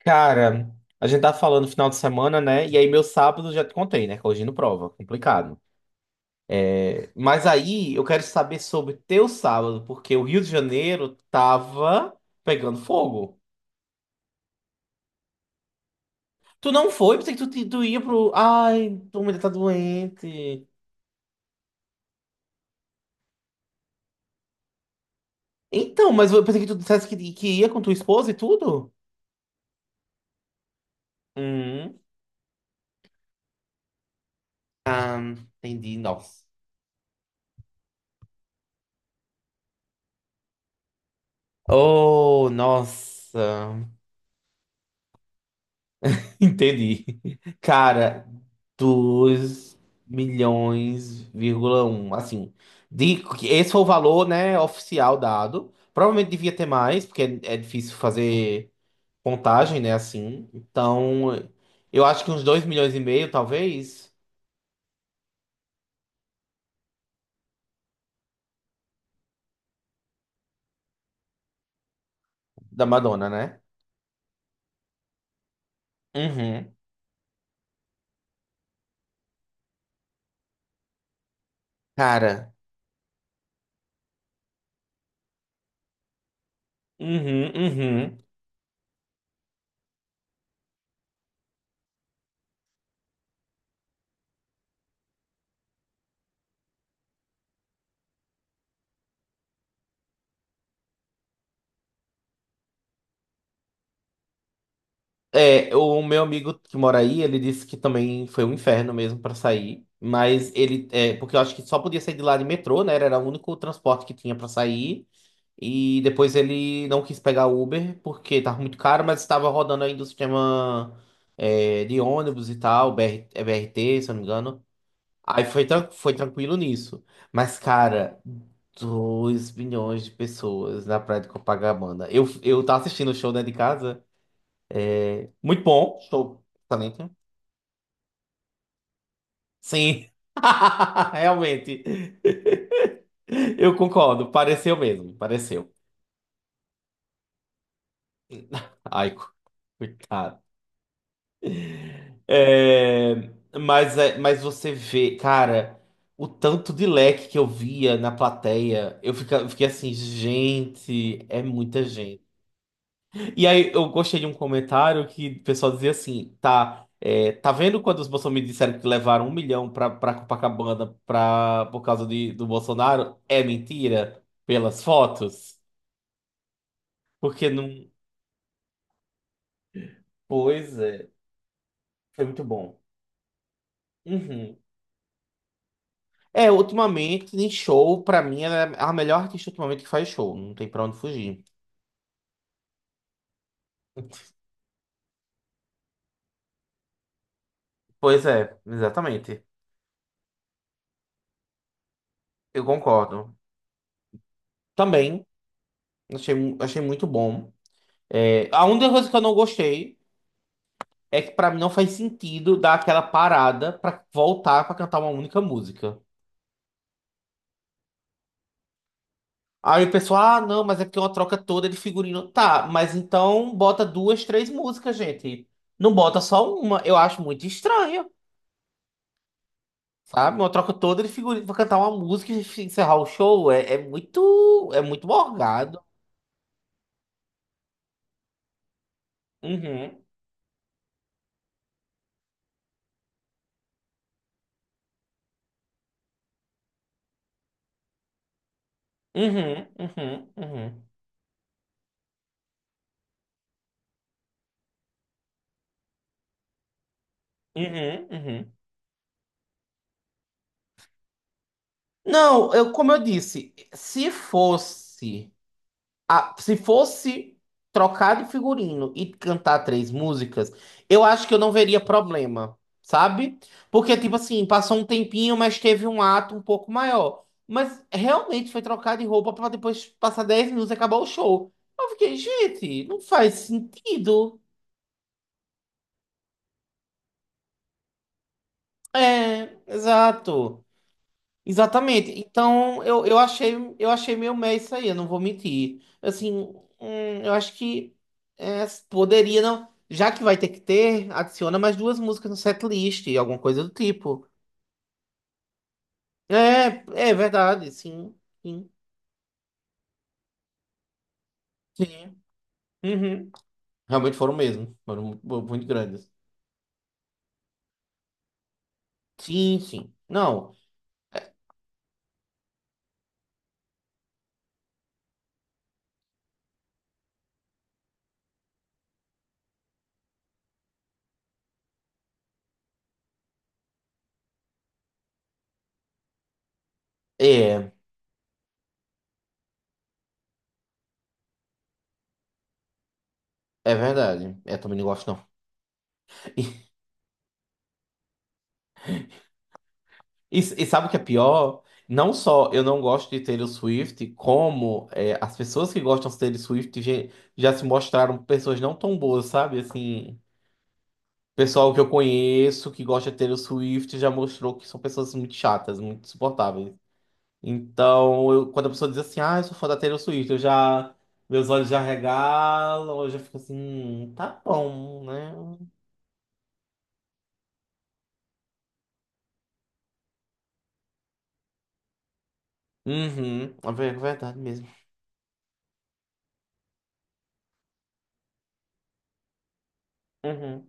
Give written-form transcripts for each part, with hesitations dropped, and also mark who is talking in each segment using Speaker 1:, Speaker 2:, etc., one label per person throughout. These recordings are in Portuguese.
Speaker 1: Cara, a gente tá falando final de semana, né? E aí meu sábado já te contei, né? Corrigindo prova, complicado. É, mas aí eu quero saber sobre teu sábado, porque o Rio de Janeiro tava pegando fogo. Tu não foi? Pensei que tu ia pro. Ai, tua mulher tá doente. Então, mas eu pensei que tu dissesse que ia com tua esposa e tudo? Hum, entendi, nossa. Oh, nossa. Entendi. Cara, 2,1 milhões, assim, esse foi o valor, né, oficial dado. Provavelmente devia ter mais, porque é difícil fazer contagem, né, assim. Então, eu acho que uns 2,5 milhões, talvez, da Madonna, né? Uhum. Cara, uhum, uhum. É, o meu amigo que mora aí, ele disse que também foi um inferno mesmo pra sair, mas ele, é, porque eu acho que só podia sair de lá de metrô, né? Era o único transporte que tinha pra sair. E depois ele não quis pegar Uber porque tava muito caro, mas estava rodando ainda o sistema é, de ônibus e tal, B BR, é B R T se eu não me engano. Aí foi tranquilo nisso. Mas, cara, 2 milhões de pessoas na praia de Copacabana. Eu tava assistindo o show, né, de casa. Muito bom, estou excelente. Sim, realmente. Eu concordo, pareceu mesmo, pareceu. Ai, coitado. É, mas você vê, cara, o tanto de leque que eu via na plateia, eu fiquei assim, gente, é muita gente. E aí eu gostei de um comentário que o pessoal dizia assim, tá vendo quando os bolsonaristas disseram que levaram 1 milhão pra, pra Copacabana pra, por causa de, do Bolsonaro? É mentira? Pelas fotos? Porque não. Pois é, foi muito bom. Uhum. É, ultimamente, em show, pra mim, ela é a melhor artista ultimamente que faz show. Não tem pra onde fugir. Pois é, exatamente. Eu concordo. Também, achei muito bom. É, a única coisa que eu não gostei. É que pra mim não faz sentido dar aquela parada pra voltar pra cantar uma única música. Aí o pessoal, ah, não, mas é porque é uma troca toda de figurino. Tá, mas então bota duas, três músicas, gente. Não bota só uma. Eu acho muito estranho, sabe? Uma troca toda de figurino pra cantar uma música e encerrar o show. É muito morgado. Uhum, uhum, uhum, uhum, uhum, uhum. Não, eu, como eu disse, se fosse. Ah, se fosse trocar de figurino e cantar três músicas, eu acho que eu não veria problema, sabe? Porque, tipo assim, passou um tempinho, mas teve um ato um pouco maior. Mas realmente foi trocar de roupa pra depois passar 10 minutos e acabar o show. Eu fiquei, gente, não faz sentido. É, exato. Exatamente. Então, eu achei meio meio isso aí, eu não vou mentir. Assim, eu acho que é, poderia, não. Já que vai ter que ter, adiciona mais duas músicas no setlist, alguma coisa do tipo. É, é verdade, sim. Sim. Sim. Uhum. Realmente foram mesmo. Foram muito, muito grandes. Sim, sim. Não, é, é verdade. É, também não gosto, não. E sabe o que é pior? Não só eu não gosto de Taylor Swift, como é, as pessoas que gostam de Taylor Swift já se mostraram pessoas não tão boas, sabe? Assim, pessoal que eu conheço que gosta de Taylor Swift já mostrou que são pessoas muito chatas, muito insuportáveis. Então, quando a pessoa diz assim, ah, eu sou fã da Taylor Swift, eu já. Meus olhos já regalam, eu já fico assim, tá bom, né? Uhum, é verdade mesmo. Uhum.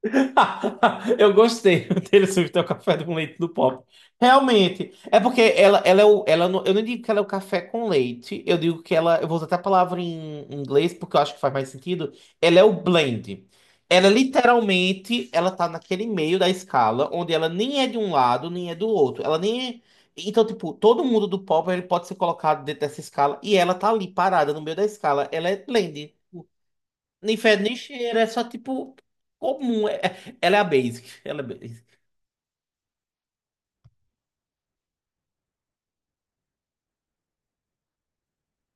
Speaker 1: Eu gostei do Taylor Swift é o café com leite do pop. Realmente. É porque ela é o. Ela não, eu não digo que ela é o café com leite. Eu digo que ela. Eu vou usar até a palavra em inglês, porque eu acho que faz mais sentido. Ela é o blend. Ela literalmente. Ela tá naquele meio da escala, onde ela nem é de um lado, nem é do outro. Ela nem é. Então, tipo, todo mundo do pop ele pode ser colocado dentro dessa escala. E ela tá ali parada no meio da escala. Ela é blend. Nem fede, nem cheira, é só tipo comum. Ela é a basic. Ela é basic.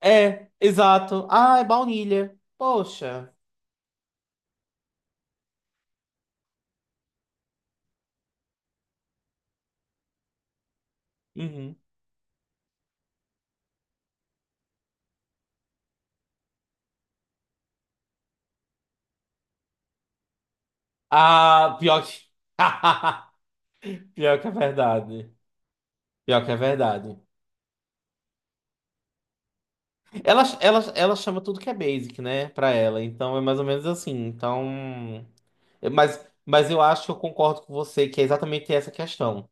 Speaker 1: É, exato. Ah, é baunilha. Poxa. Uhum. Ah, pior que. Pior que é verdade. Pior que é verdade. Ela chama tudo que é basic, né? Pra ela. Então é mais ou menos assim. Então. É, mas eu acho que eu concordo com você que é exatamente essa questão.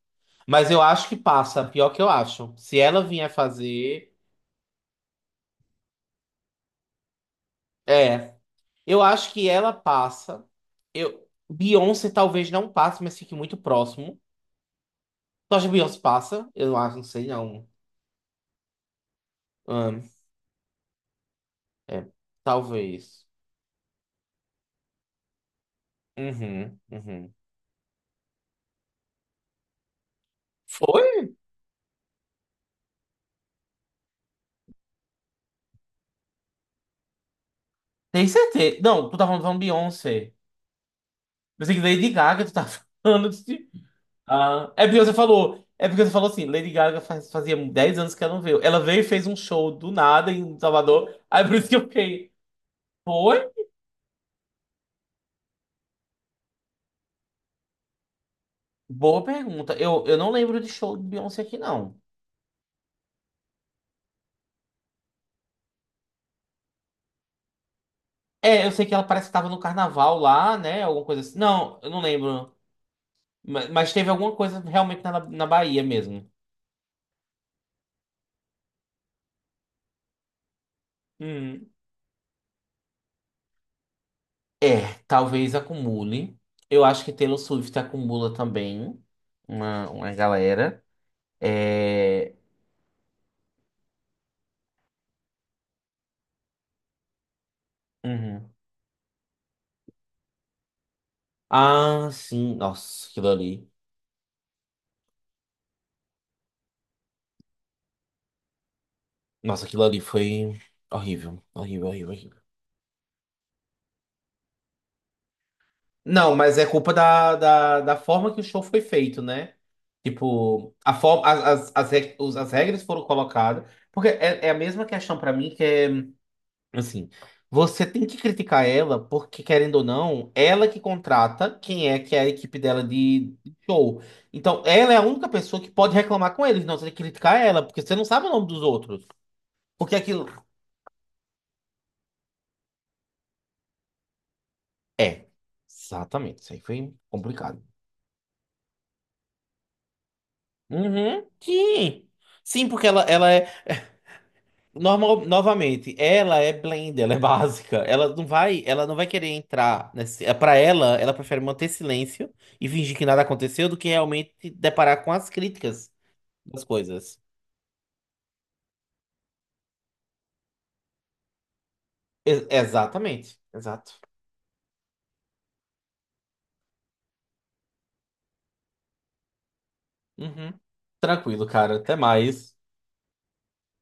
Speaker 1: Mas eu acho que passa. Pior que eu acho. Se ela vier fazer. É. Eu acho que ela passa. Eu, Beyoncé talvez não passe, mas fique muito próximo. Tu acha que Beyoncé passa? Eu não acho, não sei não. Ahn, é, talvez. Uhum, uhum. Foi? Tem certeza. Não, tu tá falando Beyoncé. Pensei que Lady Gaga tu tá falando. Ah, é porque você falou. É porque você falou assim, Lady Gaga fazia 10 anos que ela não veio. Ela veio e fez um show do nada em Salvador. Aí por isso que eu fiquei. Foi? Boa pergunta. Eu não lembro de show de Beyoncé aqui, não. É, eu sei que ela parece que tava no carnaval lá, né? Alguma coisa assim. Não, eu não lembro. Mas teve alguma coisa realmente na Bahia mesmo. Hum. É, talvez acumule. Eu acho que Taylor Swift acumula também uma galera. É. Uhum. Ah, sim. Nossa, aquilo ali. Nossa, aquilo ali foi horrível. Horrível, horrível, horrível. Não, mas é culpa da forma que o show foi feito, né? Tipo, a forma, as regras foram colocadas. Porque é a mesma questão pra mim, que é, assim, você tem que criticar ela, porque, querendo ou não, ela que contrata quem é que é a equipe dela de show. Então, ela é a única pessoa que pode reclamar com eles. Não, você tem que criticar ela, porque você não sabe o nome dos outros. Porque aquilo. É, exatamente. Isso aí foi complicado. Uhum, sim. Sim, porque ela é. Normal, novamente, ela é blend, ela é básica. Ela não vai querer entrar nesse, é, para ela, prefere manter silêncio e fingir que nada aconteceu do que realmente se deparar com as críticas das coisas. Exatamente, exato. Uhum. Tranquilo, cara. Até mais.